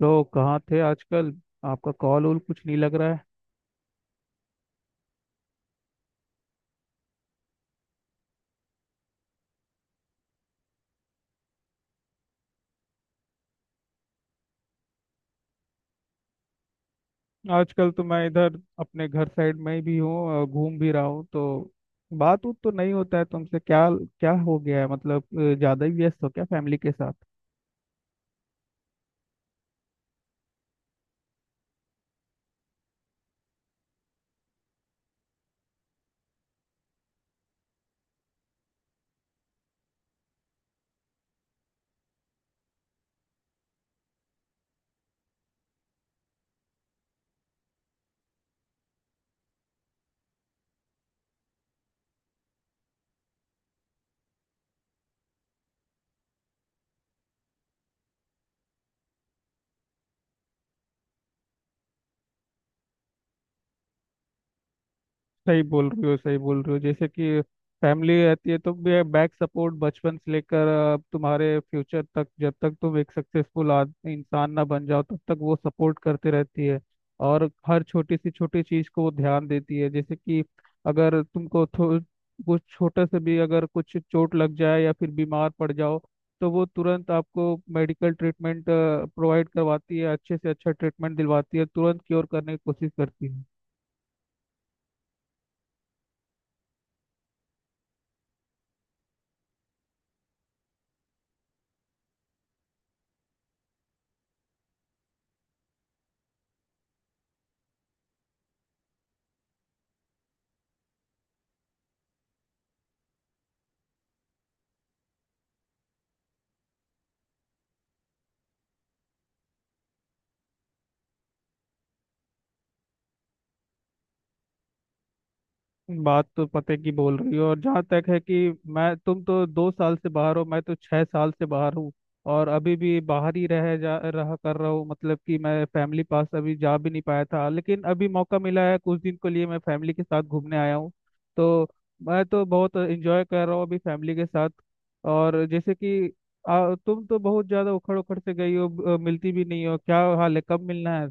तो कहाँ थे आजकल। आपका कॉल वॉल कुछ नहीं लग रहा है। आजकल तो मैं इधर अपने घर साइड में ही भी हूँ और घूम भी रहा हूँ तो बात उत तो नहीं होता है तुमसे। क्या क्या हो गया है मतलब? ज्यादा ही व्यस्त हो क्या फैमिली के साथ? सही बोल रही हो, सही बोल रही हो। जैसे कि फैमिली रहती है तो भी बैक सपोर्ट, बचपन से लेकर तुम्हारे फ्यूचर तक, जब तक तुम एक सक्सेसफुल इंसान ना बन जाओ तब तक वो सपोर्ट करते रहती है। और हर छोटी सी छोटी चीज को वो ध्यान देती है। जैसे कि अगर तुमको कुछ छोटा से भी अगर कुछ चोट लग जाए या फिर बीमार पड़ जाओ तो वो तुरंत आपको मेडिकल ट्रीटमेंट प्रोवाइड करवाती है, अच्छे से अच्छा ट्रीटमेंट दिलवाती है, तुरंत क्योर करने की कोशिश करती है। बात तो पते की बोल रही हो। और जहाँ तक है कि मैं, तुम तो दो साल से बाहर हो, मैं तो छह साल से बाहर हूँ और अभी भी बाहर ही रह जा रहा कर रहा हूँ मतलब कि मैं फैमिली पास अभी जा भी नहीं पाया था, लेकिन अभी मौका मिला है कुछ दिन के लिए, मैं फैमिली के साथ घूमने आया हूँ। तो मैं तो बहुत एंजॉय कर रहा हूँ अभी फैमिली के साथ। और जैसे कि तुम तो बहुत ज़्यादा उखड़ उखड़ से गई हो। मिलती भी नहीं हो, क्या हाल है, कब मिलना है?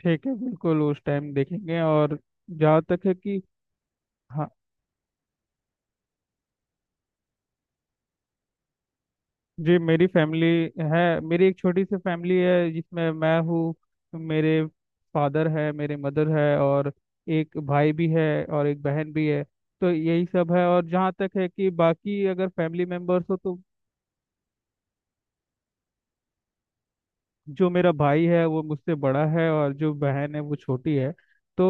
ठीक है, बिल्कुल, उस टाइम देखेंगे। और जहाँ तक है कि हाँ जी, मेरी फैमिली है, मेरी एक छोटी सी फैमिली है जिसमें मैं हूँ, मेरे फादर है, मेरे मदर है और एक भाई भी है और एक बहन भी है। तो यही सब है। और जहाँ तक है कि बाकी अगर फैमिली मेम्बर्स हो तो जो मेरा भाई है वो मुझसे बड़ा है और जो बहन है वो छोटी है। तो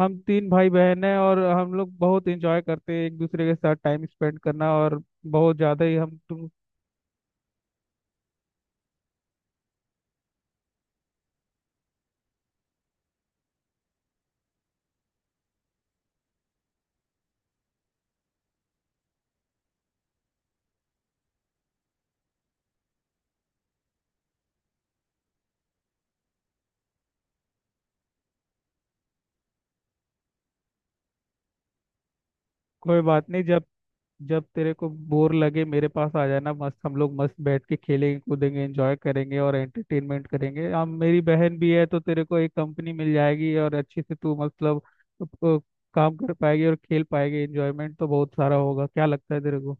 हम तीन भाई बहन हैं और हम लोग बहुत इंजॉय करते हैं एक दूसरे के साथ टाइम स्पेंड करना, और बहुत ज़्यादा ही हम तुम। कोई बात नहीं। जब जब तेरे को बोर लगे मेरे पास आ जाना, मस्त हम लोग मस्त बैठ के खेलेंगे, कूदेंगे, एंजॉय करेंगे और एंटरटेनमेंट करेंगे हम। मेरी बहन भी है तो तेरे को एक कंपनी मिल जाएगी और अच्छे से तू मतलब अ, काम कर पाएगी और खेल पाएगी, एंजॉयमेंट तो बहुत सारा होगा। क्या लगता है तेरे को?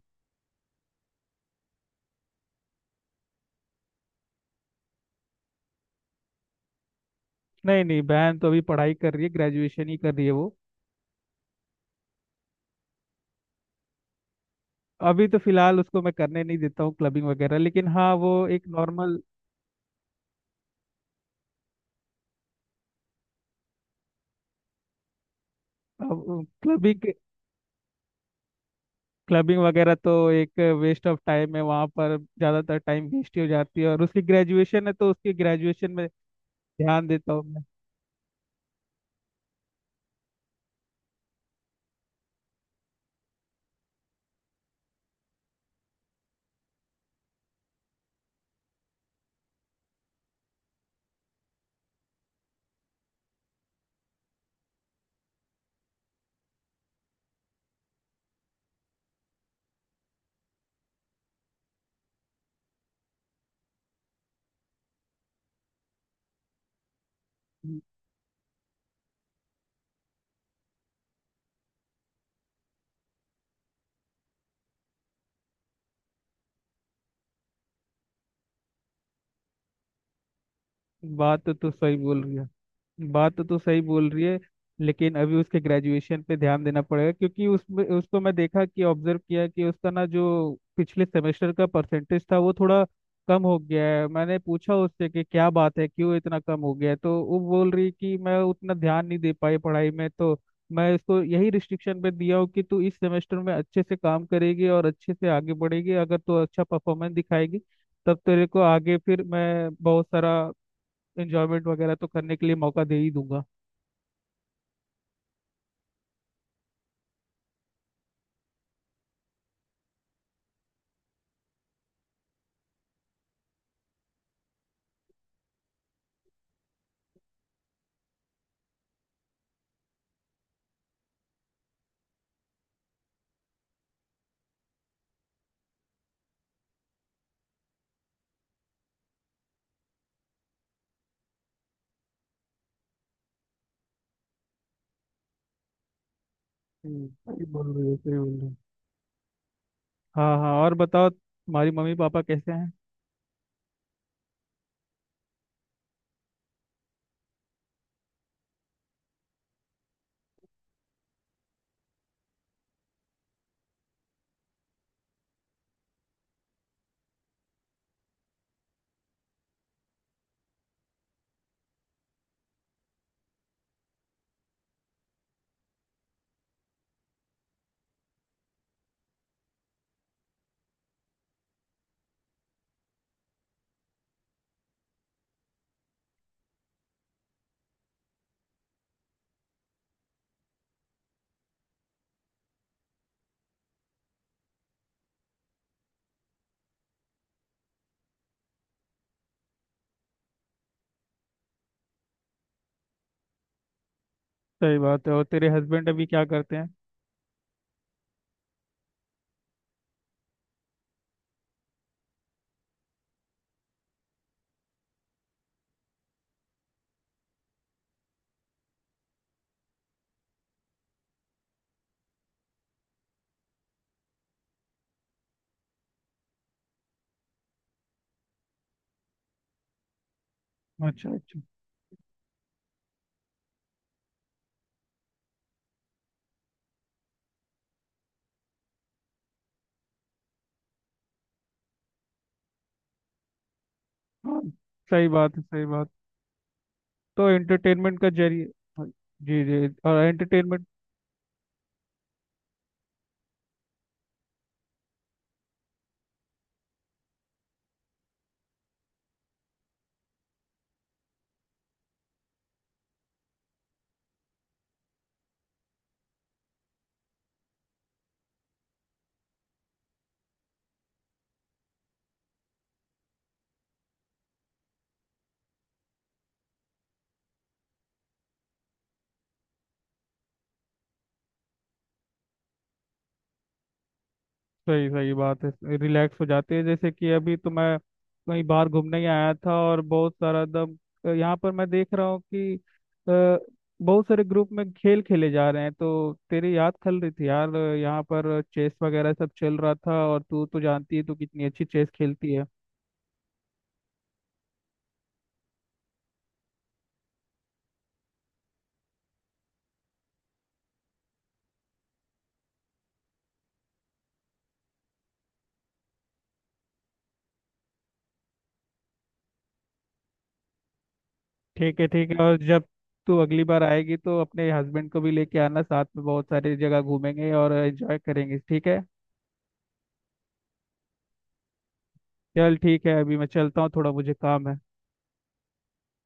नहीं नहीं, बहन तो अभी पढ़ाई कर रही है, ग्रेजुएशन ही कर रही है वो। अभी तो फिलहाल उसको मैं करने नहीं देता हूँ क्लबिंग वगैरह, लेकिन हाँ वो एक नॉर्मल क्लबिंग। क्लबिंग वगैरह तो एक वेस्ट ऑफ टाइम है, वहाँ पर ज़्यादातर टाइम वेस्ट ही हो जाती है। और उसकी ग्रेजुएशन है तो उसकी ग्रेजुएशन में ध्यान देता हूँ मैं। बात तो तू सही बोल रही है, बात तो तू सही बोल रही है। लेकिन अभी उसके ग्रेजुएशन पे ध्यान देना पड़ेगा, क्योंकि उसमें उसको मैं देखा कि ऑब्जर्व किया कि उसका ना जो पिछले सेमेस्टर का परसेंटेज था वो थोड़ा कम हो गया है। मैंने पूछा उससे कि क्या बात है, क्यों इतना कम हो गया है, तो वो बोल रही कि मैं उतना ध्यान नहीं दे पाई पढ़ाई में। तो मैं इसको यही रिस्ट्रिक्शन पे दिया हूँ कि तू इस सेमेस्टर में अच्छे से काम करेगी और अच्छे से आगे बढ़ेगी। अगर तू अच्छा परफॉर्मेंस दिखाएगी तब तेरे को आगे फिर मैं बहुत सारा एंजॉयमेंट वगैरह तो करने के लिए मौका दे ही दूंगा। सही बोल रहे हो, सही बोल रहे हो। हाँ हाँ, और बताओ तुम्हारी मम्मी पापा कैसे हैं? सही बात है। और तेरे हस्बैंड अभी क्या करते हैं? अच्छा अच्छा। हाँ, सही बात है, सही बात। तो एंटरटेनमेंट का जरिए हाँ, जी जी, और एंटरटेनमेंट। सही सही बात है, रिलैक्स हो जाते हैं। जैसे कि अभी तो मैं कहीं बाहर घूमने ही आया था और बहुत सारा एकदम, यहाँ पर मैं देख रहा हूँ कि अ, बहुत सारे ग्रुप में खेल खेले जा रहे हैं, तो तेरी याद खल रही थी यार। यहाँ पर चेस वगैरह सब चल रहा था, और तू तो जानती है तू कितनी अच्छी चेस खेलती है। ठीक है ठीक है। और जब तू अगली बार आएगी तो अपने हस्बैंड को भी लेके आना साथ में, बहुत सारी जगह घूमेंगे और एंजॉय करेंगे, ठीक है। चल ठीक है, अभी मैं चलता हूँ, थोड़ा मुझे काम है।